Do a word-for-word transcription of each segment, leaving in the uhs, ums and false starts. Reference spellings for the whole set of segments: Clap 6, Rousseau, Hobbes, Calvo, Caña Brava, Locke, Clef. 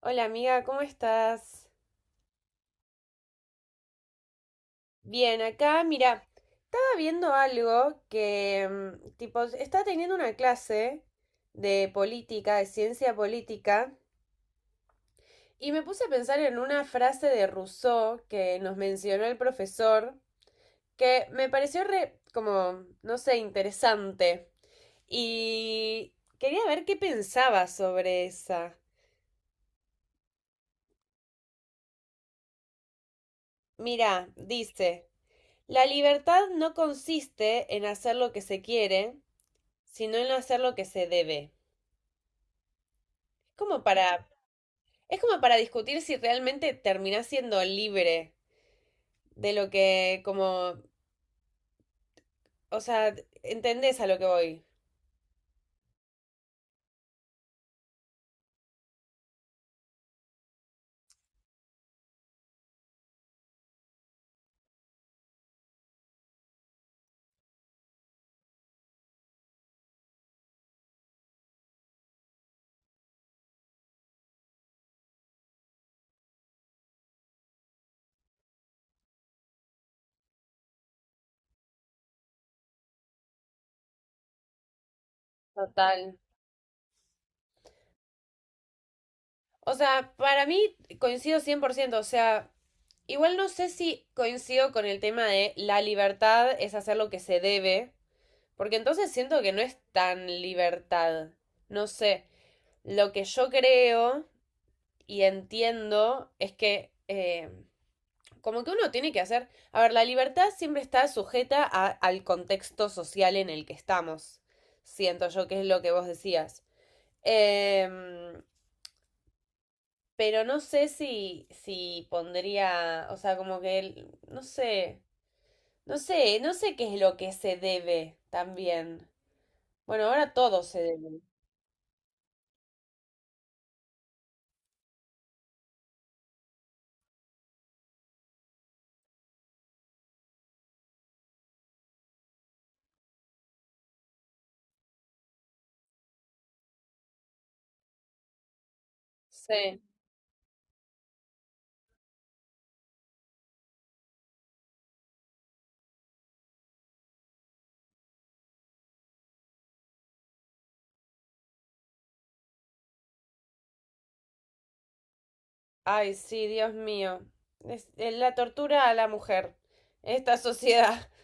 Hola amiga, ¿cómo estás? Bien, acá, mira, estaba viendo algo que, mm, tipo, estaba teniendo una clase de política, de ciencia política, y me puse a pensar en una frase de Rousseau que nos mencionó el profesor, que me pareció re, como, no sé, interesante, y quería ver qué pensaba sobre esa. Mira, dice, la libertad no consiste en hacer lo que se quiere, sino en no hacer lo que se debe. Como para, es como para discutir si realmente terminás siendo libre de lo que, como, o sea, entendés a lo que voy. Total. O sea, para mí coincido cien por ciento, o sea, igual no sé si coincido con el tema de la libertad es hacer lo que se debe, porque entonces siento que no es tan libertad. No sé, lo que yo creo y entiendo es que eh, como que uno tiene que hacer, a ver, la libertad siempre está sujeta a- al contexto social en el que estamos, siento yo que es lo que vos decías. Em, pero no sé si, si pondría, o sea, como que, el- no sé, no sé, no sé qué es lo que se debe también. Bueno, ahora todo se debe. Sí. Ay, sí, Dios mío. Es, es la tortura a la mujer, esta sociedad.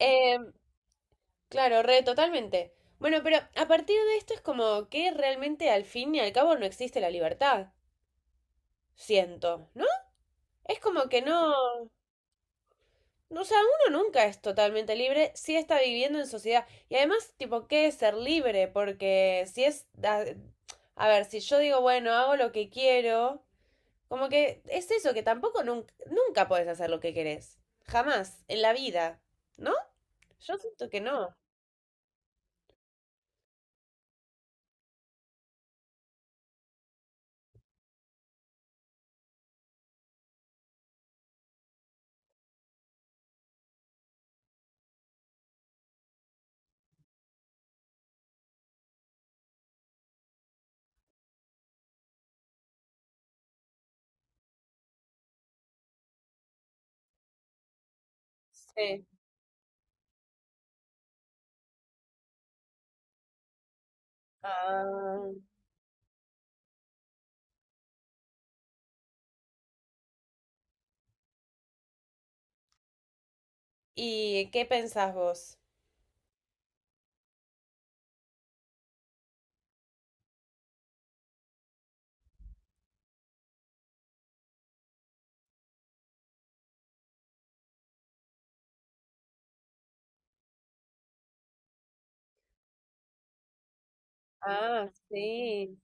Em, Claro, re, totalmente. Bueno, pero a partir de esto es como que realmente al fin y al cabo no existe la libertad. Siento, ¿no? Es como que no. No, o sea, uno nunca es totalmente libre si está viviendo en sociedad. Y además, tipo, ¿qué es ser libre? Porque si es. A, a ver, si yo digo, bueno, hago lo que quiero. Como que es eso, que tampoco nunca, nunca podés hacer lo que querés. Jamás, en la vida. ¿No? Yo siento que no. Sí. Ah. ¿Y qué pensás vos? Ah, sí.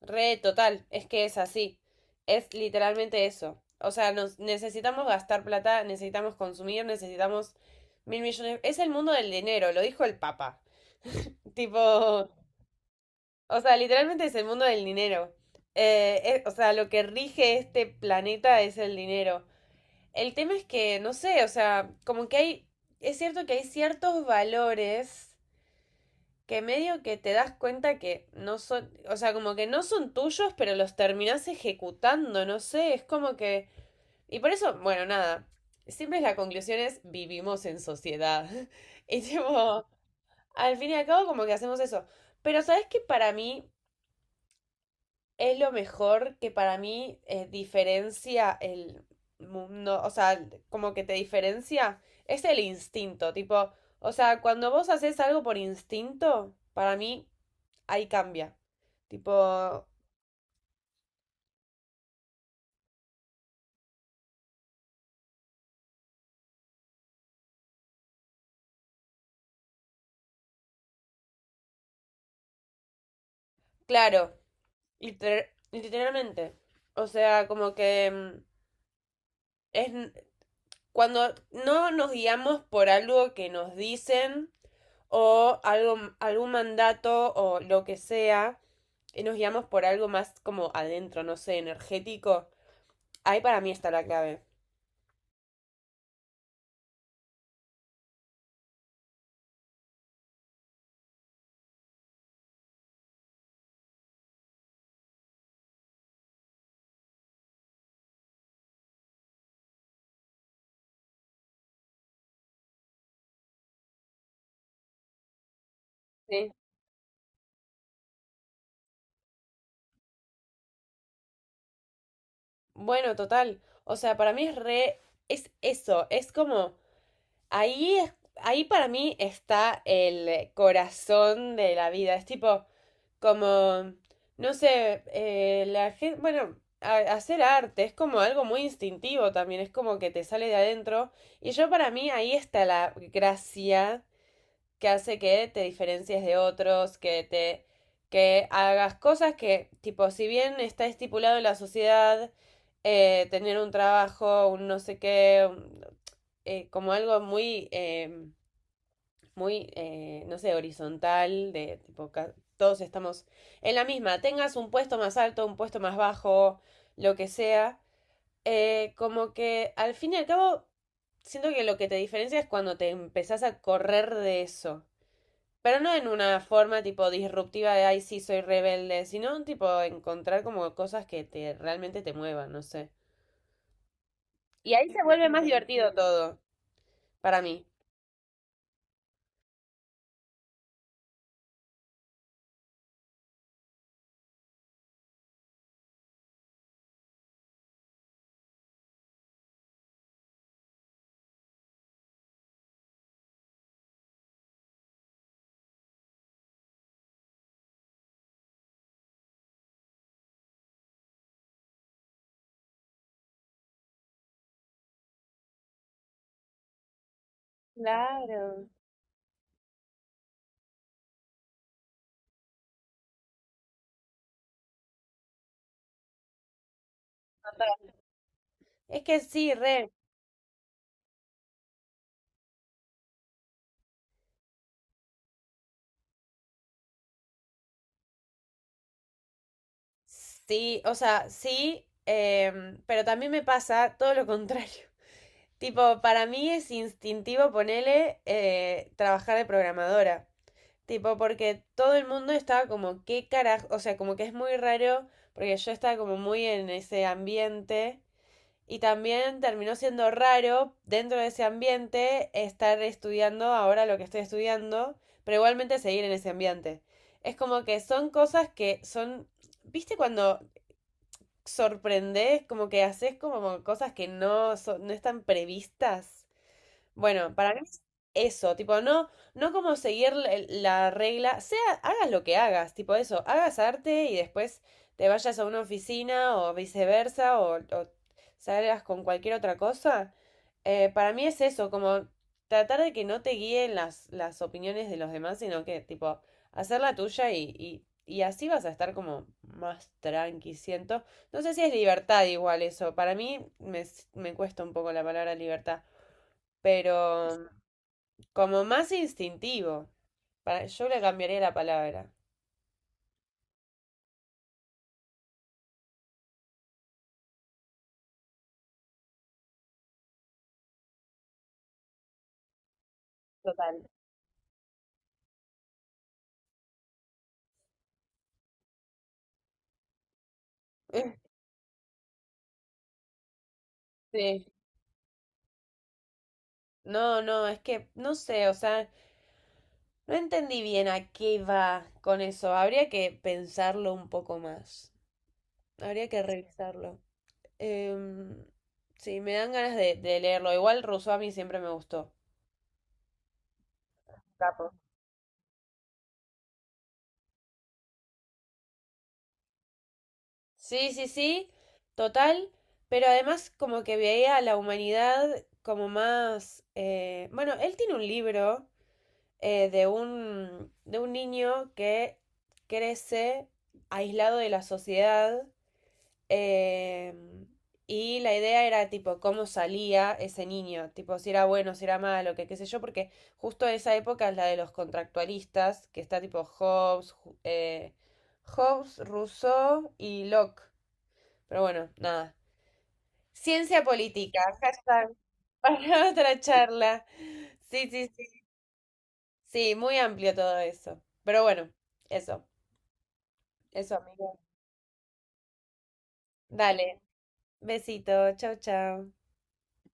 Re total, es que es así. Es literalmente eso. O sea, nos necesitamos gastar plata, necesitamos consumir, necesitamos mil millones. Es el mundo del dinero, lo dijo el Papa. Tipo, o sea, literalmente es el mundo del dinero. Eh, es- o sea, lo que rige este planeta es el dinero. El tema es que, no sé, o sea, como que hay, es cierto que hay ciertos valores. Que medio que te das cuenta que no son, o sea, como que no son tuyos, pero los terminás ejecutando, no sé, es como que... Y por eso, bueno, nada, siempre la conclusión es vivimos en sociedad. Y tipo, al fin y al cabo como que hacemos eso. Pero ¿sabes que para mí es lo mejor que para mí eh, diferencia el mundo, o sea, como que te diferencia? Es el instinto, tipo, o sea, cuando vos haces algo por instinto, para mí ahí cambia. Tipo, claro, liter- literalmente. O sea, como que mm, es cuando no nos guiamos por algo que nos dicen o algo, algún mandato o lo que sea, y nos guiamos por algo más como adentro, no sé, energético. Ahí para mí está la clave. Sí. Bueno, total. O sea, para mí es re. Es eso. Es como ahí, ahí para mí está el corazón de la vida. Es tipo, como, no sé, eh, la gente, bueno, a- hacer arte es como algo muy instintivo también, es como que te sale de adentro. Y yo para mí ahí está la gracia que hace que te diferencies de otros, que te, que hagas cosas que, tipo, si bien está estipulado en la sociedad, eh, tener un trabajo, un no sé qué, un- eh, como algo muy... em, muy, eh, no sé, horizontal, de tipo, todos estamos en la misma, tengas un puesto más alto, un puesto más bajo, lo que sea, eh, como que al fin y al cabo, siento que lo que te diferencia es cuando te empezás a correr de eso. Pero no en una forma tipo disruptiva de, ay, sí, soy rebelde, sino tipo encontrar como cosas que te realmente te muevan, no sé. Y ahí se vuelve más divertido todo, para mí. Claro. Es que sí, re. Sí, o sea, sí, em, pero también me pasa todo lo contrario. Tipo, para mí es instintivo ponerle trabajar de programadora. Tipo, porque todo el mundo estaba como, ¿qué carajo? O sea, como que es muy raro, porque yo estaba como muy en ese ambiente. Y también terminó siendo raro dentro de ese ambiente estar estudiando ahora lo que estoy estudiando, pero igualmente seguir en ese ambiente. Es como que son cosas que son ¿viste cuando sorprendés, como que haces como cosas que no, so- no están previstas. Bueno, para mí es eso, tipo, no, no como seguir la la regla, sea, hagas lo que hagas, tipo eso, hagas arte y después te vayas a una oficina o viceversa o, o salgas con cualquier otra cosa. Eh, para mí es eso, como tratar de que no te guíen las, las opiniones de los demás, sino que, tipo, hacer la tuya y, y, y así vas a estar como más tranqui, siento. No sé si es libertad igual eso, para mí me, me cuesta un poco la palabra libertad pero mm, como más instintivo. Para, yo le cambiaría la palabra. Total. Sí. No, no, es que no sé, o sea, no entendí bien a qué va con eso. Habría que pensarlo un poco más. Habría que revisarlo. Em, sí, me dan ganas de, de leerlo. Igual Rousseau a mí siempre me gustó. Capo. Sí, sí, sí, total, pero además como que veía a la humanidad como más... eh, Bueno, él tiene un libro eh, de un, de un niño que crece aislado de la sociedad, eh, y la idea era tipo cómo salía ese niño, tipo si era bueno, si era malo, que qué sé yo, porque justo esa época es la de los contractualistas, que está tipo Hobbes, eh, Hobbes, Rousseau y Locke. Pero bueno, nada. Ciencia política, hashtag, para otra charla. Sí, sí, sí, muy amplio todo eso. Pero bueno, eso, eso, amigo. Dale, besito, chao, chao.